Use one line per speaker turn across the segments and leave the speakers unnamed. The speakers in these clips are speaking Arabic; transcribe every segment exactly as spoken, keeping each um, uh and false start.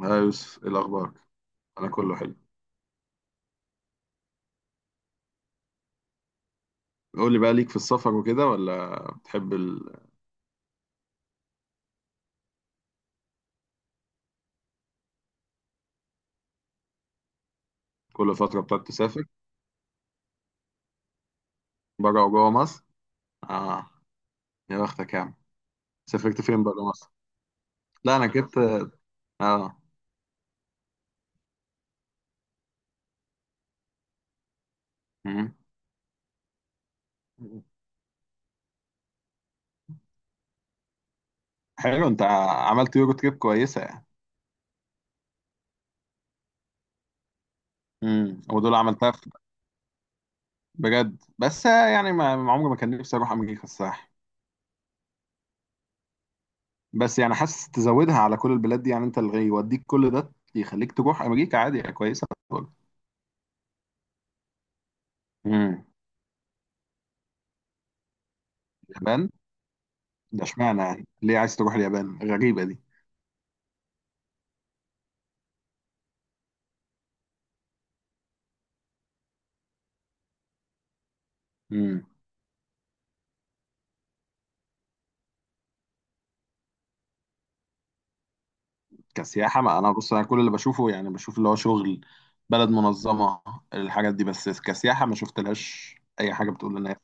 ها يوسف، ايه الاخبار؟ انا كله حلو. قول لي بقى، ليك في السفر وكده ولا بتحب ال... كل فتره بتقعد تسافر؟ بره وجوه مصر. اه. يا بختك يا عم. سافرت فين بره مصر؟ لا انا جبت. اه. مم. حلو، انت ع- عملت يورو تريب كويسه يعني. امم، ودول عملتها في- بجد. بس آه، يعني ما ما عمري ما كان نفسي اروح امريكا الصراحه. بس يعني حاسس تزودها على كل البلاد دي، يعني انت اللي يوديك كل ده يخليك تروح امريكا عادي، يعني كويسه برضه. امم. اليابان. ده اشمعنى يعني؟ ليه عايز تروح اليابان، غريبة دي؟ امم. كسياحة، ما انا بص، انا كل اللي بشوفه يعني بشوف اللي هو شغل. بلد منظمة. الحاجات دي بس كسياحة ما شفتلهاش اي حاجة بتقول لنا.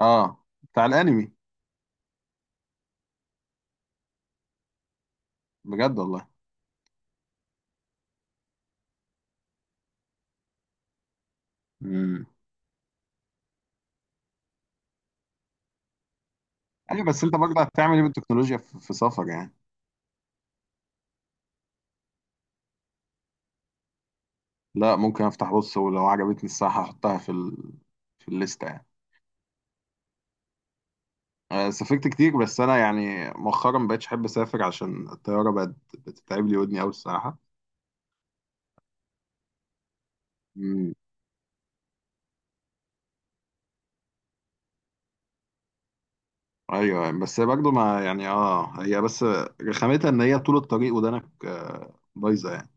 اه، بتاع الانمي. بجد والله؟ امم. ايوه، بس انت برضه هتعمل ايه بالتكنولوجيا في, في سفر يعني؟ لا ممكن افتح، بص، ولو عجبتني الساعة هحطها في ال... في الليستة يعني. آه، سافرت كتير، بس انا يعني مؤخرا ما بقتش احب اسافر عشان الطيارة بقت بتتعب لي ودني قوي الصراحة. ايوه، بس برضه ما يعني، اه هي بس رخامتها ان هي طول الطريق ودانك آه، بايظه يعني.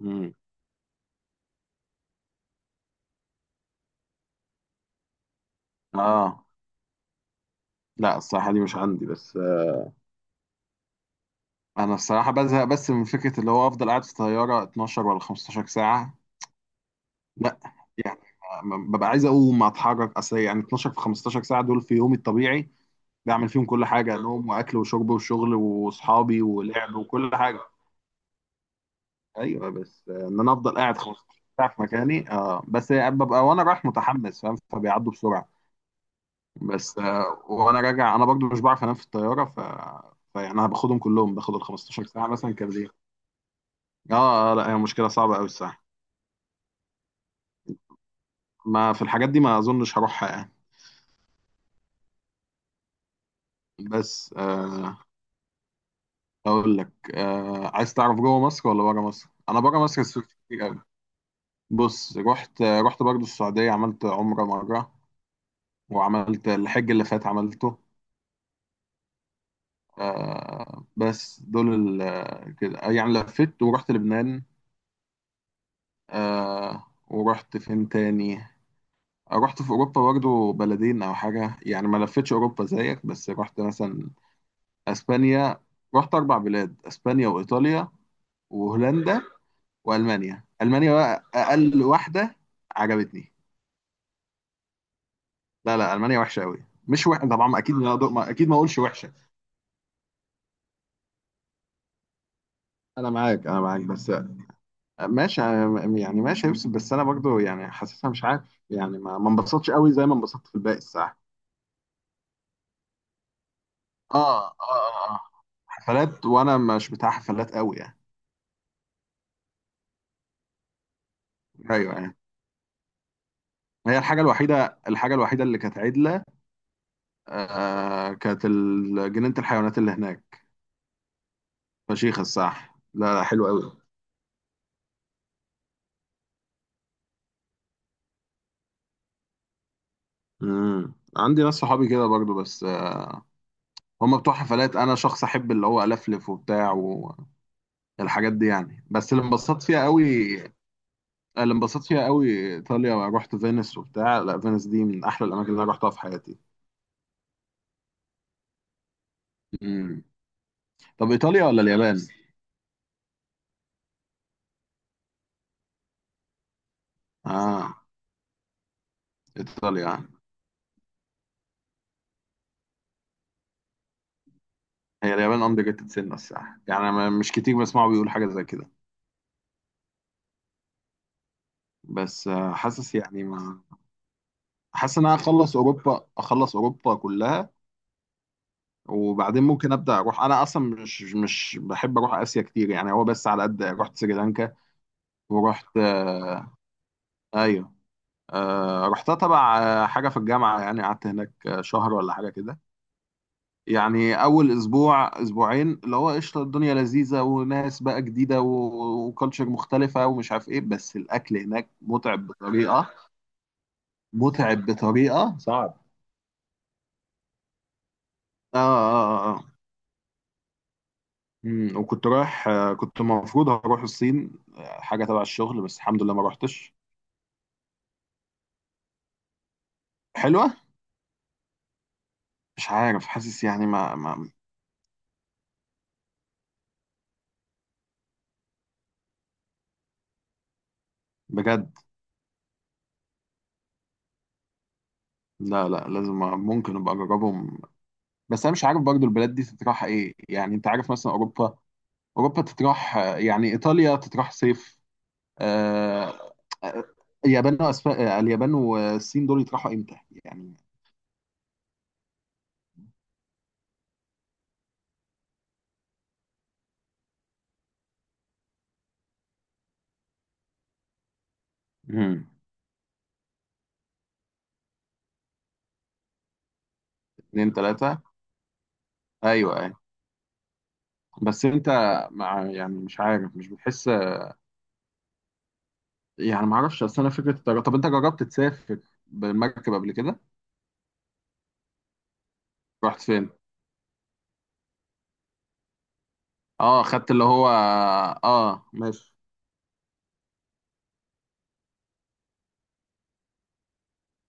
امم. اه لا، الصراحه دي مش عندي، بس آه، انا الصراحه بزهق بس من فكره اللي هو افضل قاعد في الطياره اتناشر ولا خمستاشر ساعه. لا. يعني ما- ما- ببقى عايز اقوم اتحرك، اصل يعني اتناشر في خمستاشر ساعه دول في يومي الطبيعي بعمل فيهم كل حاجه، نوم واكل وشرب وشغل واصحابي ولعب وكل حاجه. ايوه بس آه، ان انا افضل قاعد خمستاشر ساعه في مكاني. آه بس ببقى وانا رايح متحمس، فاهم؟ فبيعدوا بسرعه. بس آه وانا راجع انا برضو مش بعرف انام في الطياره، ف فيعني انا باخدهم كلهم، باخد ال خمستاشر ساعه مثلا كارزير. اه. آه، لا هي مشكله صعبه قوي الساعه. ما في الحاجات دي ما اظنش هروحها يعني. بس آه اقول لك. آه عايز تعرف جوه مصر ولا بره مصر؟ انا بره مصر سافرت كتير قوي. بص، رحت رحت برضو السعوديه، عملت عمره مره. وعملت الحج اللي فات، عملته. آه، بس دول ال آه، كده آه، يعني لفيت ورحت لبنان. آه، ورحت فين تاني؟ آه، رحت في أوروبا برضو بلدين أو حاجة، يعني ما لفتش أوروبا زيك، بس رحت مثلا أسبانيا. رحت أربع بلاد، أسبانيا وإيطاليا وهولندا وألمانيا. ألمانيا بقى أقل واحدة عجبتني. لا لا، ألمانيا وحشة أوي. مش وحشة طبعا، أكيد ما أقدر- ما- أكيد ما أقولش وحشة. أنا معاك، أنا معاك، بس ماشي، آه، يعني ماشي هيفصل، بس انا برضو يعني حاسسها، مش عارف، يعني ما ما انبسطتش قوي زي ما انبسطت في الباقي الساعه. اه. اه، اه، آه. حفلات، وانا مش بتاع حفلات قوي يعني. ايوه يعني، هي الحاجه الوحيده الحاجه الوحيده اللي كانت عدله. آه، كانت ال- جنينه الحيوانات اللي هناك. فشيخ الصح، لا لا حلو قوي. امم، عندي ناس صحابي كده برضو، بس آه، هم بتوع حفلات، انا شخص احب اللي هو الفلف وبتاع والحاجات دي يعني. بس اللي انبسطت فيها قوي، اللي انبسطت فيها قوي ايطاليا. رحت فينيس وبتاع، لا فينيس دي من احلى الاماكن اللي انا رحتها في حياتي. امم. طب ايطاليا ولا اليابان؟ اه، ايطاليا. هي اليابان اندر ريتد سنه الصراحه، يعني ما- مش كتير بسمعه بيقول حاجه زي كده. بس آه، حاسس يعني ما حاسس ان انا اخلص اوروبا اخلص اوروبا كلها وبعدين ممكن ابدا اروح، انا اصلا مش مش بحب اروح اسيا كتير، يعني هو بس على قد. رحت سريلانكا ورحت آه، ايوه. آه، رحتها تبع آه، حاجة في الجامعة، يعني قعدت هناك آه، شهر ولا حاجة كده. يعني أول أسبوع أسبوعين اللي هو قشطة، الدنيا لذيذة وناس بقى جديدة و- وكالتشر مختلفة ومش عارف إيه، بس الأكل هناك متعب بطريقة، متعب بطريقة صعب. آه، آه، آه، آه. مم، وكنت رايح آه، كنت المفروض هروح الصين آه، حاجة تبع الشغل، بس الحمد لله ما روحتش. حلوة. مش عارف، حاسس يعني ما, ما بجد. لا لا، لازم. ممكن أبقى أجربهم. بس انا مش عارف برضو البلاد دي تتراح ايه. يعني انت عارف مثلا اوروبا، اوروبا تتراح، آه، يعني ايطاليا تتراح صيف. آه، آه، اليابان وأسف... آه، اليابان والصين دول يتراحوا امتى يعني؟ مم. اتنين تلاتة؟ ايوه ايوه، بس انت مع يعني مش عارف، مش بتحس، يعني ما اعرفش، اصل انا فكره الطيران. طب انت جربت تسافر بالمركب قبل كده؟ رحت فين؟ اه، خدت اللي هو اه، ماشي.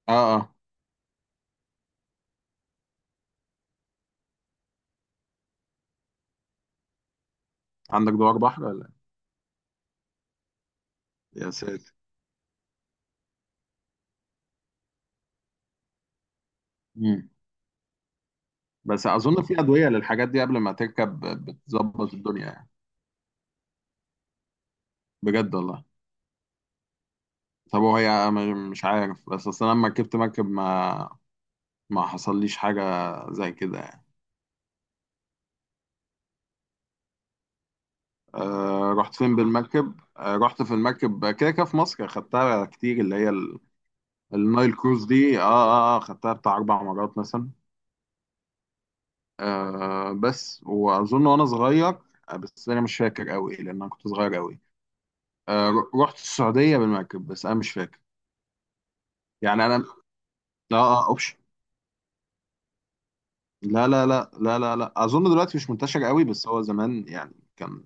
اه اه، عندك دوار بحر ولا؟ إيه؟ يا ساتر. مم. بس اظن في ادويه للحاجات دي قبل ما تركب بتظبط الدنيا يعني. بجد والله. طب وهي م- مش عارف، بس اصل أنا لما ركبت مركب ما ما حصليش حاجه زي كده يعني. أه، رحت فين بالمركب؟ أه، رحت في المركب كده كده في مصر، خدتها كتير اللي هي ال- النايل كروز دي. اه اه اه، خدتها بتاع اربع مرات مثلا. أه، بس واظن وانا صغير آه، بس انا مش فاكر قوي لان انا كنت صغير قوي. أه، ر- رحت السعوديه بالمركب، بس انا مش فاكر. يعني انا، اه، اه اوبشن. لا لا لا لا لا لا، اظن دلوقتي مش منتشر قوي، بس هو زمان يعني كان.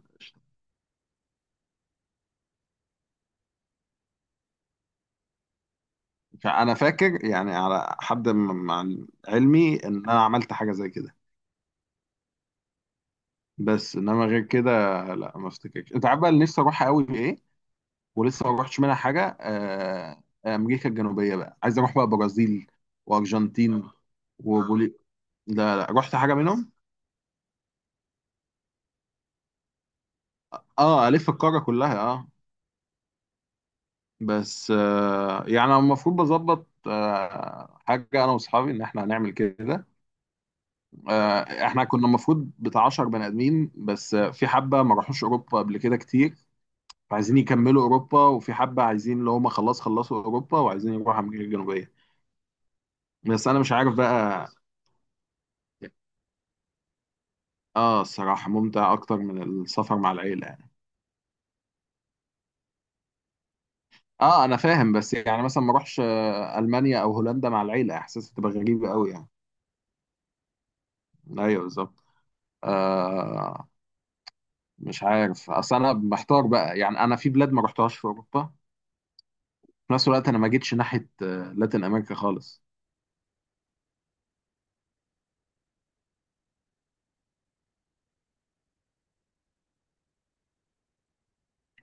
انا فاكر يعني على حد م- مع علمي ان انا عملت حاجه زي كده. بس انما غير كده. لا ما افتكرش. انت عارف بقى اللي نفسي اروحها قوي ايه؟ ولسه ما روحتش منها حاجه، آه، آه، امريكا الجنوبيه بقى، عايز اروح بقى برازيل وارجنتين وبولي. لا لا رحت حاجه منهم. اه، الف القاره كلها اه. بس آه يعني أنا المفروض بظبط آه حاجه انا واصحابي ان احنا هنعمل كده. آه، احنا كنا المفروض بتاع عشرة بني ادمين، بس آه، في حبه ما راحوش اوروبا قبل كده كتير، فعايزين يكملوا اوروبا، وفي حبه عايزين اللي هم خلاص خلصوا اوروبا وعايزين يروحوا امريكا الجنوبيه. بس انا مش عارف بقى. اه الصراحه ممتع اكتر من السفر مع العيله يعني. اه انا فاهم، بس يعني مثلا ما اروحش آه، المانيا او هولندا مع العيله، احساس تبقى غريبه قوي يعني. ايوه بالظبط. آه. مش عارف، اصل انا محتار بقى، يعني انا في بلاد ما رحتهاش في اوروبا. في نفس الوقت انا ما جيتش ناحيه آه، لاتين امريكا خالص.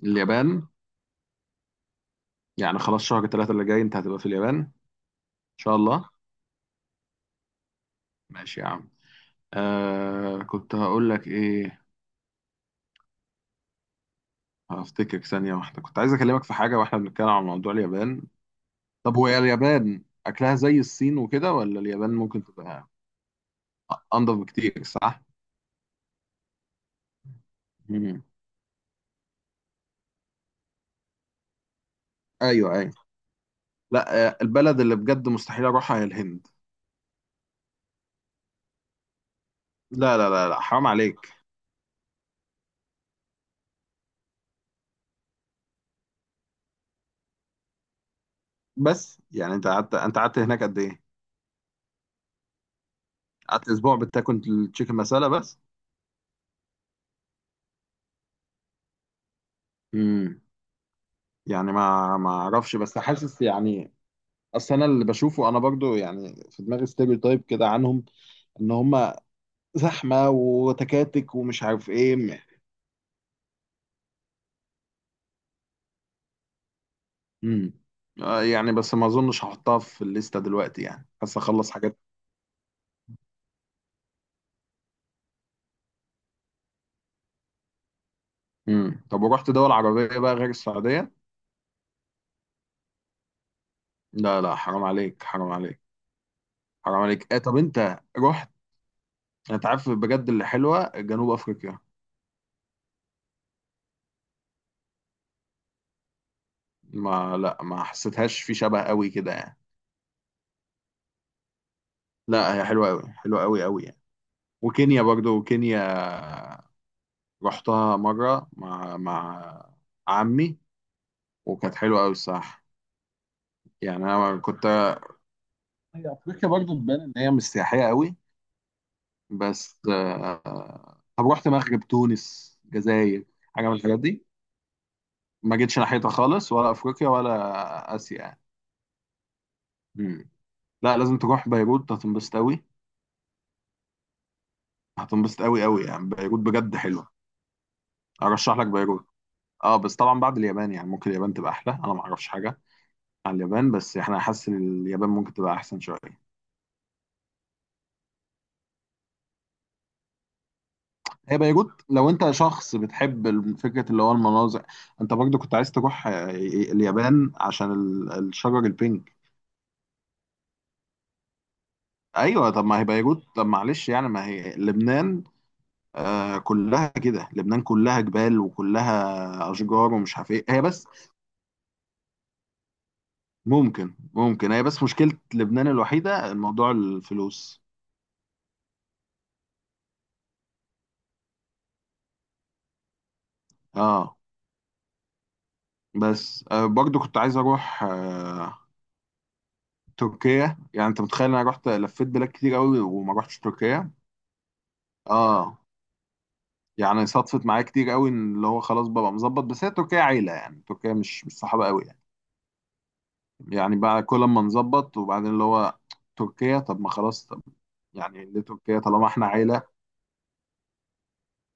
اليابان. يعني خلاص، شهر ثلاثة اللي جاي انت هتبقى في اليابان ان شاء الله. ماشي يا عم. آه، كنت هقول لك ايه؟ هفتكر ثانية واحدة، كنت عايز اكلمك في حاجة واحنا بنتكلم عن موضوع اليابان. طب هو اليابان اكلها زي الصين وكده ولا اليابان ممكن تبقى انضف بكتير، صح؟ مم. ايوه ايوه. لا، آه، البلد اللي بجد مستحيل اروحها هي الهند. لا لا لا لا حرام عليك. بس يعني، انت قعدت انت قعدت هناك قد ايه؟ قعدت اسبوع بتاكل التشيكن مسالة بس؟ مم. يعني ما ما اعرفش، بس حاسس يعني، اصل انا اللي بشوفه انا برضو يعني في دماغي ستيريو تايب كده عنهم، ان هم زحمه وتكاتك ومش عارف ايه. امم. يعني بس ما اظنش هحطها في الليسته دلوقتي، يعني بس اخلص حاجات. امم. طب ورحت دول عربيه بقى غير السعوديه؟ لا لا حرام عليك، حرام عليك حرام عليك. اه طب انت رحت، انت عارف بجد اللي حلوه؟ جنوب افريقيا. ما لا، ما حسيتهاش في شبه قوي كده يعني. لا هي حلوه قوي، حلوه قوي قوي يعني. وكينيا برضو، كينيا رحتها مرة مع مع عمي وكانت حلوة أوي الصراحة. يعني أنا كنت. هي أفريقيا برضو تبان إن هي مش سياحية أوي. بس آه، طب رحت مغرب تونس جزائر حاجة من الحاجات دي؟ ما جيتش ناحيتها خالص، ولا أفريقيا ولا آسيا يعني. مم. لا لازم تروح بيروت، هتنبسط أوي، هتنبسط أوي أوي يعني. بيروت بجد حلوة. أرشح لك بيروت. أه بس طبعا بعد اليابان، يعني ممكن اليابان تبقى أحلى، أنا ما أعرفش حاجة على اليابان، بس احنا حاسس إن اليابان ممكن تبقى احسن شويه. هي بيروت لو انت شخص بتحب فكره اللي هو المناظر، انت برضه كنت عايز تروح آه، إيه، اليابان عشان ال- الشجر البينك. ايوه طب ما هي بيروت، طب معلش يعني ما هي لبنان. آه، كلها كده لبنان، كلها جبال وكلها اشجار ومش عارف ايه، هي بس ممكن ممكن هي بس مشكله لبنان الوحيده موضوع الفلوس. اه، بس آه برضه كنت عايز اروح آه تركيا. يعني انت متخيل انا رحت لفيت بلاد كتير قوي وما رحتش تركيا. اه، يعني صدفت معايا كتير قوي ان اللي هو خلاص ببقى مظبط، بس هي تركيا عيله يعني، تركيا مش مش صحابه قوي يعني. يعني بقى كل ما نظبط وبعدين اللي هو تركيا. طب ما خلاص، طب يعني ليه تركيا طالما احنا عيله؟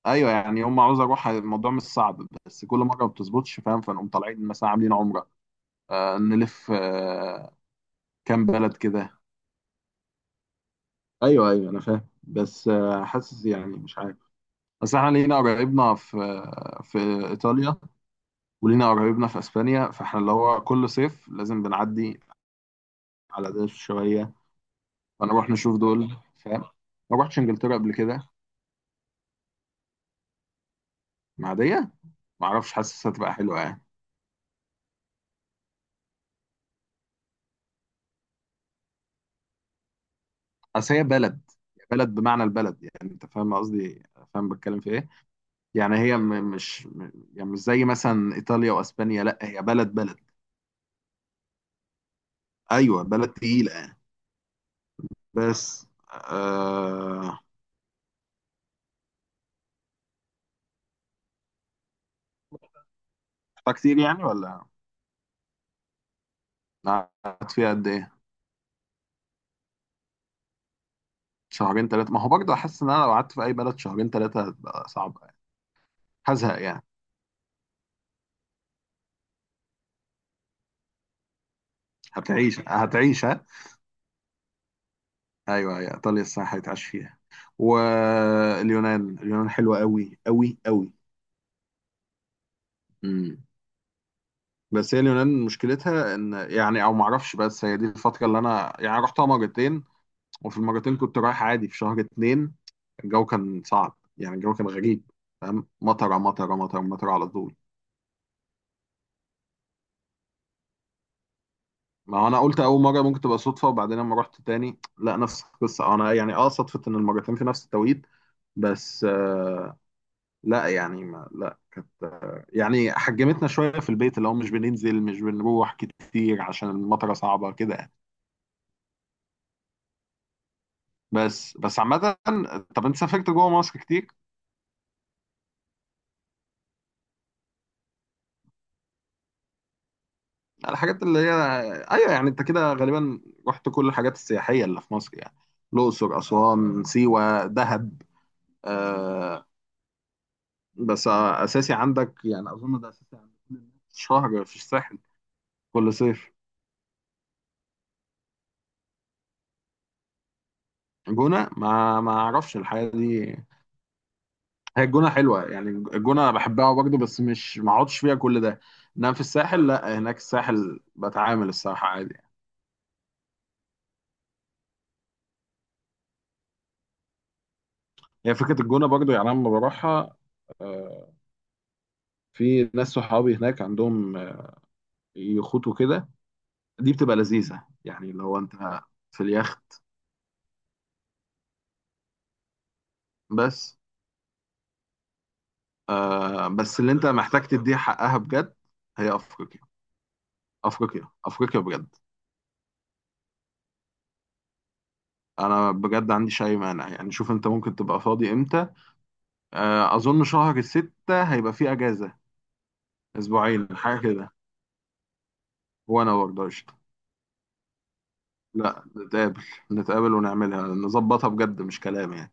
ايوه يعني هم، عاوز اروح، الموضوع مش صعب، بس كل مره ما بتظبطش فاهم، فنقوم طالعين مثلا عاملين عمره، آه نلف آه كام بلد كده. ايوه ايوه انا فاهم، بس آه حاسس يعني مش عارف، بس احنا لينا قرايبنا في في ايطاليا، ولينا قرايبنا في اسبانيا، فاحنا اللي هو كل صيف لازم بنعدي على ده شويه، فنروح نشوف دول، فاهم. ما رحتش انجلترا قبل كده؟ معديه. ما اعرفش، حاسس هتبقى حلوه يعني. اصل هي بلد، بلد بمعنى البلد، يعني انت فاهم قصدي، فاهم بتكلم في ايه. يعني هي م- مش م- يعني مش زي مثلا ايطاليا واسبانيا، لا هي بلد بلد. ايوه بلد تقيله يعني. بس آه... كتير يعني ولا؟ قعدت فيها قد ايه؟ شهرين ثلاثة، ما هو برضه حاسس ان انا لو قعدت في اي بلد شهرين ثلاثة هتبقى صعبة يعني، هزهق يعني. هتعيش هتعيش ها؟ ايوه ايوه، ايطاليا الصراحة هيتعاش فيها. واليونان، اليونان حلوة قوي قوي قوي. امم. بس هي اليونان مشكلتها ان يعني او ما اعرفش، بس هي دي الفترة اللي انا يعني رحتها مرتين، وفي المرتين كنت رايح عادي في شهر اتنين، الجو كان صعب، يعني الجو كان غريب، فاهم، مطرة مطرة مطرة مطرة على طول. ما هو انا قلت اول مره ممكن تبقى صدفه، وبعدين لما رحت تاني لا نفس القصه، انا يعني اه صدفه ان المرتين في نفس التوقيت. بس آه لا يعني ما لا، كانت آه يعني حجمتنا شويه في البيت، اللي هو مش بننزل مش بنروح كتير عشان المطره صعبه كده يعني. بس بس عامه، طب انت سافرت جوه مصر كتير؟ الحاجات اللي هي ايوه يعني، انت كده غالبا رحت كل الحاجات السياحيه اللي في مصر يعني، الاقصر، اسوان، سيوه، دهب. آه. بس آه، اساسي عندك، يعني اظن ده اساسي عند كل الناس، شهر في الساحل كل صيف. جونه، ما ما اعرفش الحياه دي. هي الجونه حلوه، يعني الجونه انا بحبها برضه، بس مش ما اقعدش فيها كل ده. انما في الساحل لا، هناك الساحل بتعامل الصراحه عادي يعني. هي فكره الجونه برضه، يعني انا لما بروحها آه، في ناس صحابي هناك عندهم آه، يخوت وكده، دي بتبقى لذيذه يعني لو انت في اليخت. بس آه بس اللي انت محتاج تديه حقها بجد هي افريقيا، افريقيا افريقيا بجد. انا بجد عنديش اي مانع يعني، شوف انت ممكن تبقى فاضي امتى؟ آه، اظن شهر الستة هيبقى فيه اجازة، اسبوعين حاجة كده، وانا برضه قشطة. لا نتقابل، نتقابل ونعملها، نظبطها بجد مش كلام يعني.